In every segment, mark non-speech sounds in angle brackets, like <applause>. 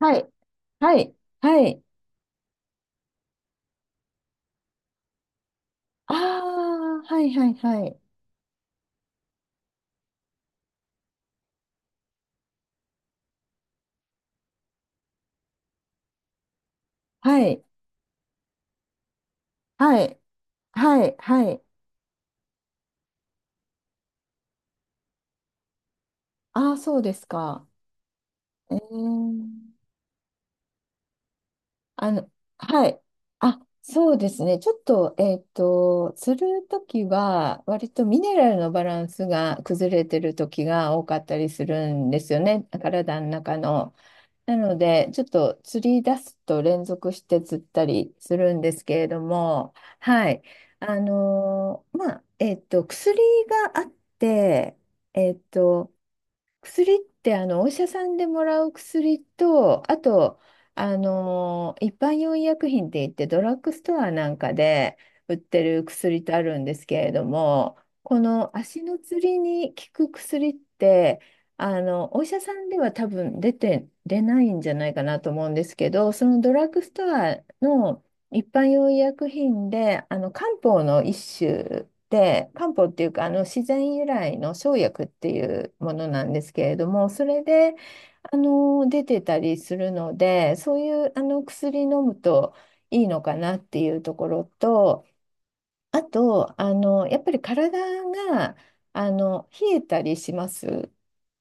はい。はい。はい。ああ、はいはいはい。はい。はい。はい。はい。ああ、そうですか。えー、あの、はい。あ、そうですね。ちょっと、するときは、割とミネラルのバランスが崩れてるときが多かったりするんですよね。体の中の。なので、ちょっと釣り出すと連続して釣ったりするんですけれども、はい。薬があって、えっと、薬って、あのお医者さんでもらう薬と、あと、あの一般用医薬品って言って、ドラッグストアなんかで売ってる薬とあるんですけれども、この足のつりに効く薬って、あのお医者さんでは多分出ないんじゃないかなと思うんですけど、そのドラッグストアの一般用医薬品で、あの漢方の一種で、漢方っていうか、あの自然由来の生薬っていうものなんですけれども、それで、出てたりするので、そういう薬飲むといいのかなっていうところと、あと、あのやっぱり体があの冷えたりします。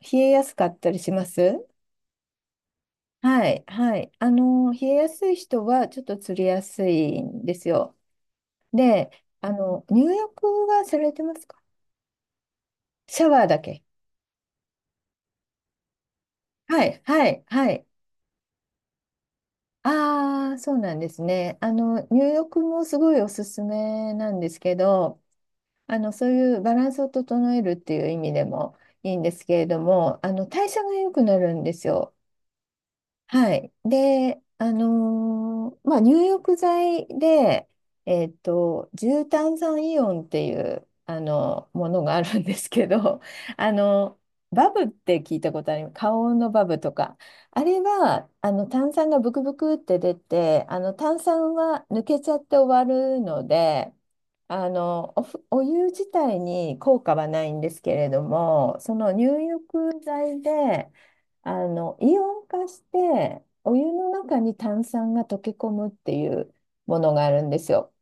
冷えやすかったりします。はい、はい。あの冷えやすい人はちょっとつりやすいんですよ。で、あの、入浴はされてますか？シャワーだけ。はい、はい、はい。ああ、そうなんですね。あの、入浴もすごいおすすめなんですけど、あの、そういうバランスを整えるっていう意味でもいいんですけれども、あの、代謝が良くなるんですよ。はい。で、入浴剤で、重炭酸イオンっていう、あの、ものがあるんですけど、<laughs> あの、バブって聞いたことあります？花王のバブとか。あれは、あの、炭酸がブクブクって出て、あの、炭酸は抜けちゃって終わるので、あの、お湯自体に効果はないんですけれども、その入浴剤で、あの、イオン化して、お湯の中に炭酸が溶け込むっていうものがあるんですよ。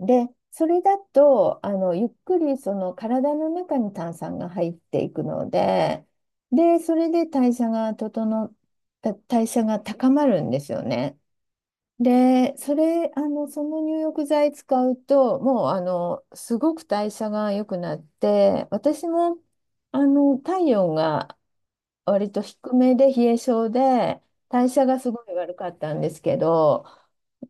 で、それだと、あの、ゆっくりその体の中に炭酸が入っていくので、で、それで代謝が高まるんですよね。で、それ、あの、その入浴剤使うと、もう、あの、すごく代謝が良くなって、私も、あの、体温が割と低めで冷え性で、代謝がすごい悪かったんですけど、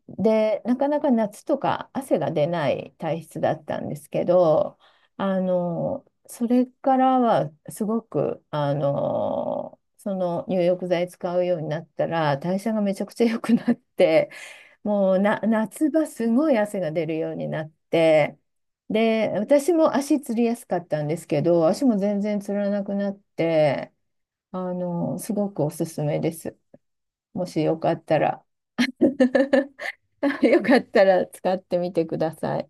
でなかなか夏とか汗が出ない体質だったんですけど、あのそれからはすごく、あのその入浴剤使うようになったら代謝がめちゃくちゃ良くなって、もうな夏場すごい汗が出るようになって。で、私も足つりやすかったんですけど、足も全然つらなくなって、あの、すごくおすすめです。もしよかったら、<laughs> よかったら使ってみてください。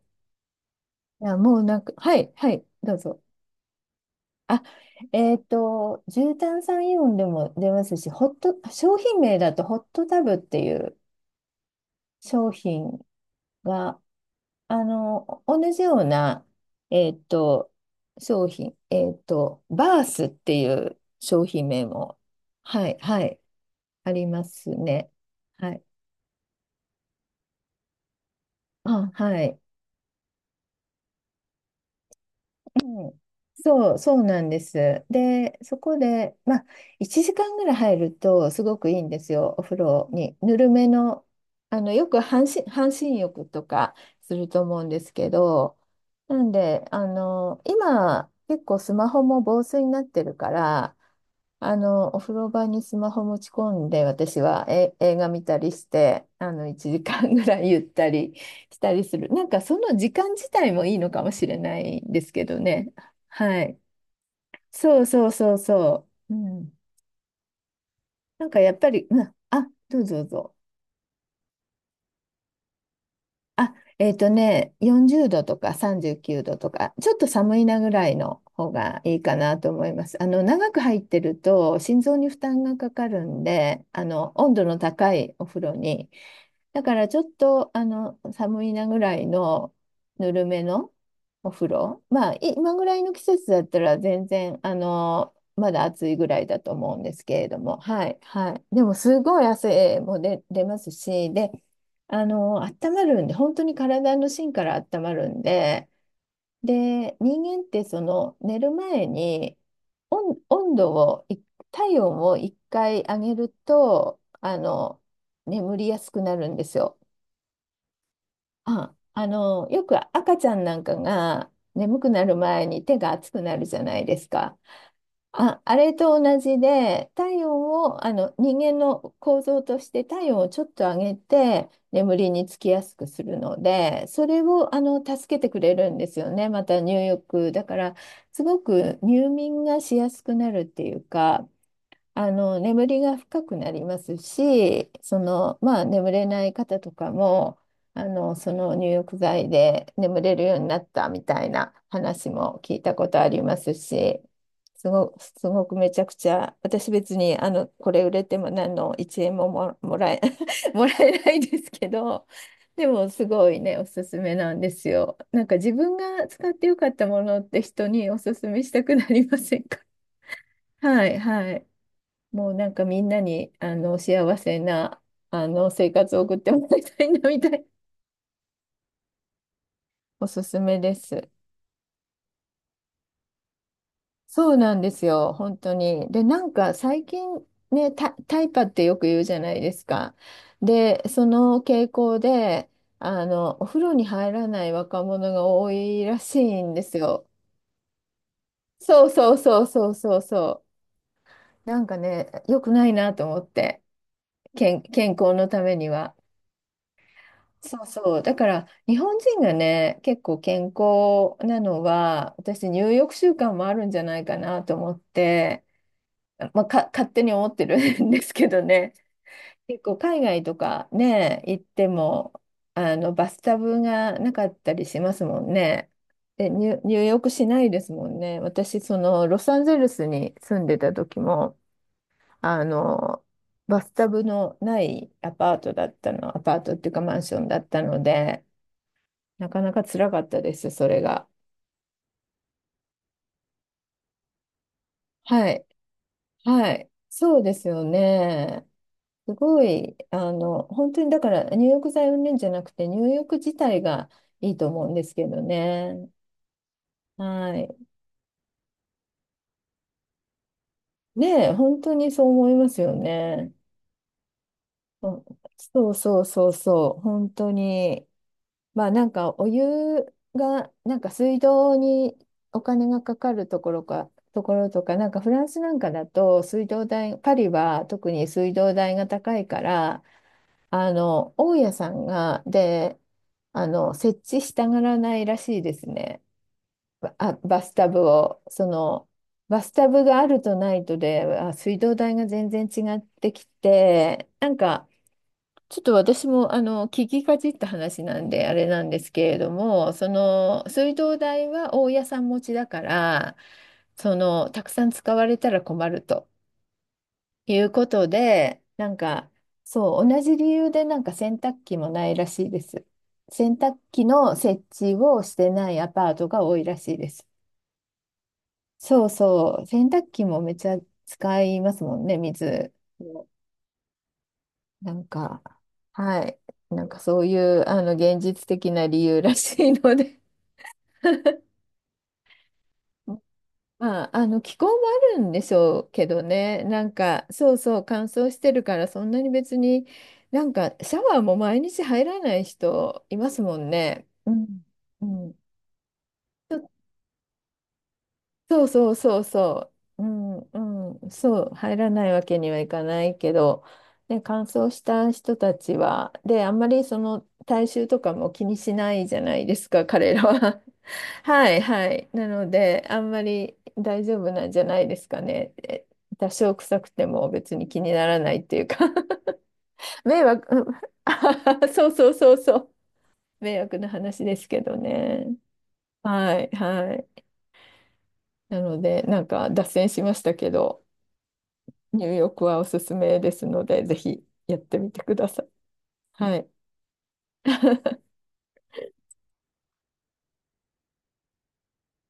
いや、もうなんか、はい、はい、どうぞ。あ、重炭酸イオンでも出ますし、ホット、商品名だとホットタブっていう商品が、あの、同じような、えっと、商品、バースっていう商品名も、はい、はい、ありますね。はい。あ、はい。うん、そう、そうなんです。で、そこで、まあ、1時間ぐらい入るとすごくいいんですよ、お風呂に。ぬるめの、あの、よく半身浴とかすると思うんですけど、なんで、あの、今、結構スマホも防水になってるから、あの、お風呂場にスマホ持ち込んで、私は映画見たりして、あの、1時間ぐらいゆったりしたりする。なんかその時間自体もいいのかもしれないですけどね。はい。そうそうそうそう。うん。なんかやっぱり、うん、あ、どうぞどうぞ。あ、えっとね、40度とか39度とか、ちょっと寒いなぐらいの方がいいかなと思います。あの、長く入ってると心臓に負担がかかるんで、あの、温度の高いお風呂に。だからちょっと、あの、寒いなぐらいのぬるめのお風呂。まあ、今ぐらいの季節だったら全然、あの、まだ暑いぐらいだと思うんですけれども、はい、はい。でもすごい汗も出ますし、で、あの、温まるんで、本当に体の芯から温まるんで、で、人間ってその寝る前に温度をい、体温を一回上げると、あの、眠りやすくなるんですよ。あ、あの、よく赤ちゃんなんかが眠くなる前に手が熱くなるじゃないですか。あ、あれと同じで、体温を、あの、人間の構造として体温をちょっと上げて、眠りにつきやすくするので、それを、あの、助けてくれるんですよね。また入浴。だから、すごく入眠がしやすくなるっていうか、あの眠りが深くなりますし、そのまあ、眠れない方とかも、あのその入浴剤で眠れるようになったみたいな話も聞いたことありますし、すごくめちゃくちゃ、私別にあのこれ売れても何の1円もも、もらえ、<laughs> もらえないですけど、でもすごいね、おすすめなんですよ。なんか自分が使ってよかったものって人におすすめしたくなりませんか？ <laughs> はいはい。もうなんかみんなにあの幸せなあの生活を送ってもらいたいなみたい、おすすめです。そうなんですよ、本当に。で、なんか最近ね、タイパってよく言うじゃないですか。で、その傾向で、あの、お風呂に入らない若者が多いらしいんですよ。そうそうそうそうそうそう。なんかね、良くないなと思って、健康のためには。そうそう。だから、日本人がね、結構健康なのは、私、入浴習慣もあるんじゃないかなと思って、まあ、勝手に思ってる <laughs> んですけどね、結構海外とかね、行っても、あの、バスタブがなかったりしますもんね。で、入浴しないですもんね。私、その、ロサンゼルスに住んでた時も、あの、バスタブのないアパートだったの、アパートっていうかマンションだったので、なかなか辛かったです、それが。はい。はい。そうですよね。すごい、あの、本当にだから入浴剤云々じゃなくて、入浴自体がいいと思うんですけどね。はい。ねえ、本当にそう思いますよね。うん、そうそうそうそう、本当に。まあ、なんかお湯がなんか水道にお金がかかるところとか、なんかフランスなんかだと水道代、パリは特に水道代が高いから、あの大家さんが、であの設置したがらないらしいですね、バスタブを。その、バスタブがあるとないとで、あ、水道代が全然違ってきて、なんかちょっと私もあの聞きかじった話なんであれなんですけれども、その水道代は大家さん持ちだから、そのたくさん使われたら困るということで、なんかそう同じ理由でなんか洗濯機もないらしいです。洗濯機の設置をしてないアパートが多いらしいです。そうそう、洗濯機もめっちゃ使いますもんね、水。なんか、はい。なんかそういう、あの、現実的な理由らしいので、 <laughs> まあ、あの気候もあるんでしょうけどね、なんかそう、そう乾燥してるからそんなに別に、なんかシャワーも毎日入らない人いますもんね。うん、うん、そうそうそうそう。うんうん。そう、入らないわけにはいかないけど、ね、乾燥した人たちは、で、あんまりその体臭とかも気にしないじゃないですか、彼らは。<laughs> はいはい。なので、あんまり大丈夫なんじゃないですかね。え、多少臭くても別に気にならないっていうか、 <laughs> 迷惑、うん、 <laughs> そうそうそうそう。迷惑な話ですけどね。はいはい。なので、なんか脱線しましたけど。入浴はおすすめですので、ぜひやってみてください。はい。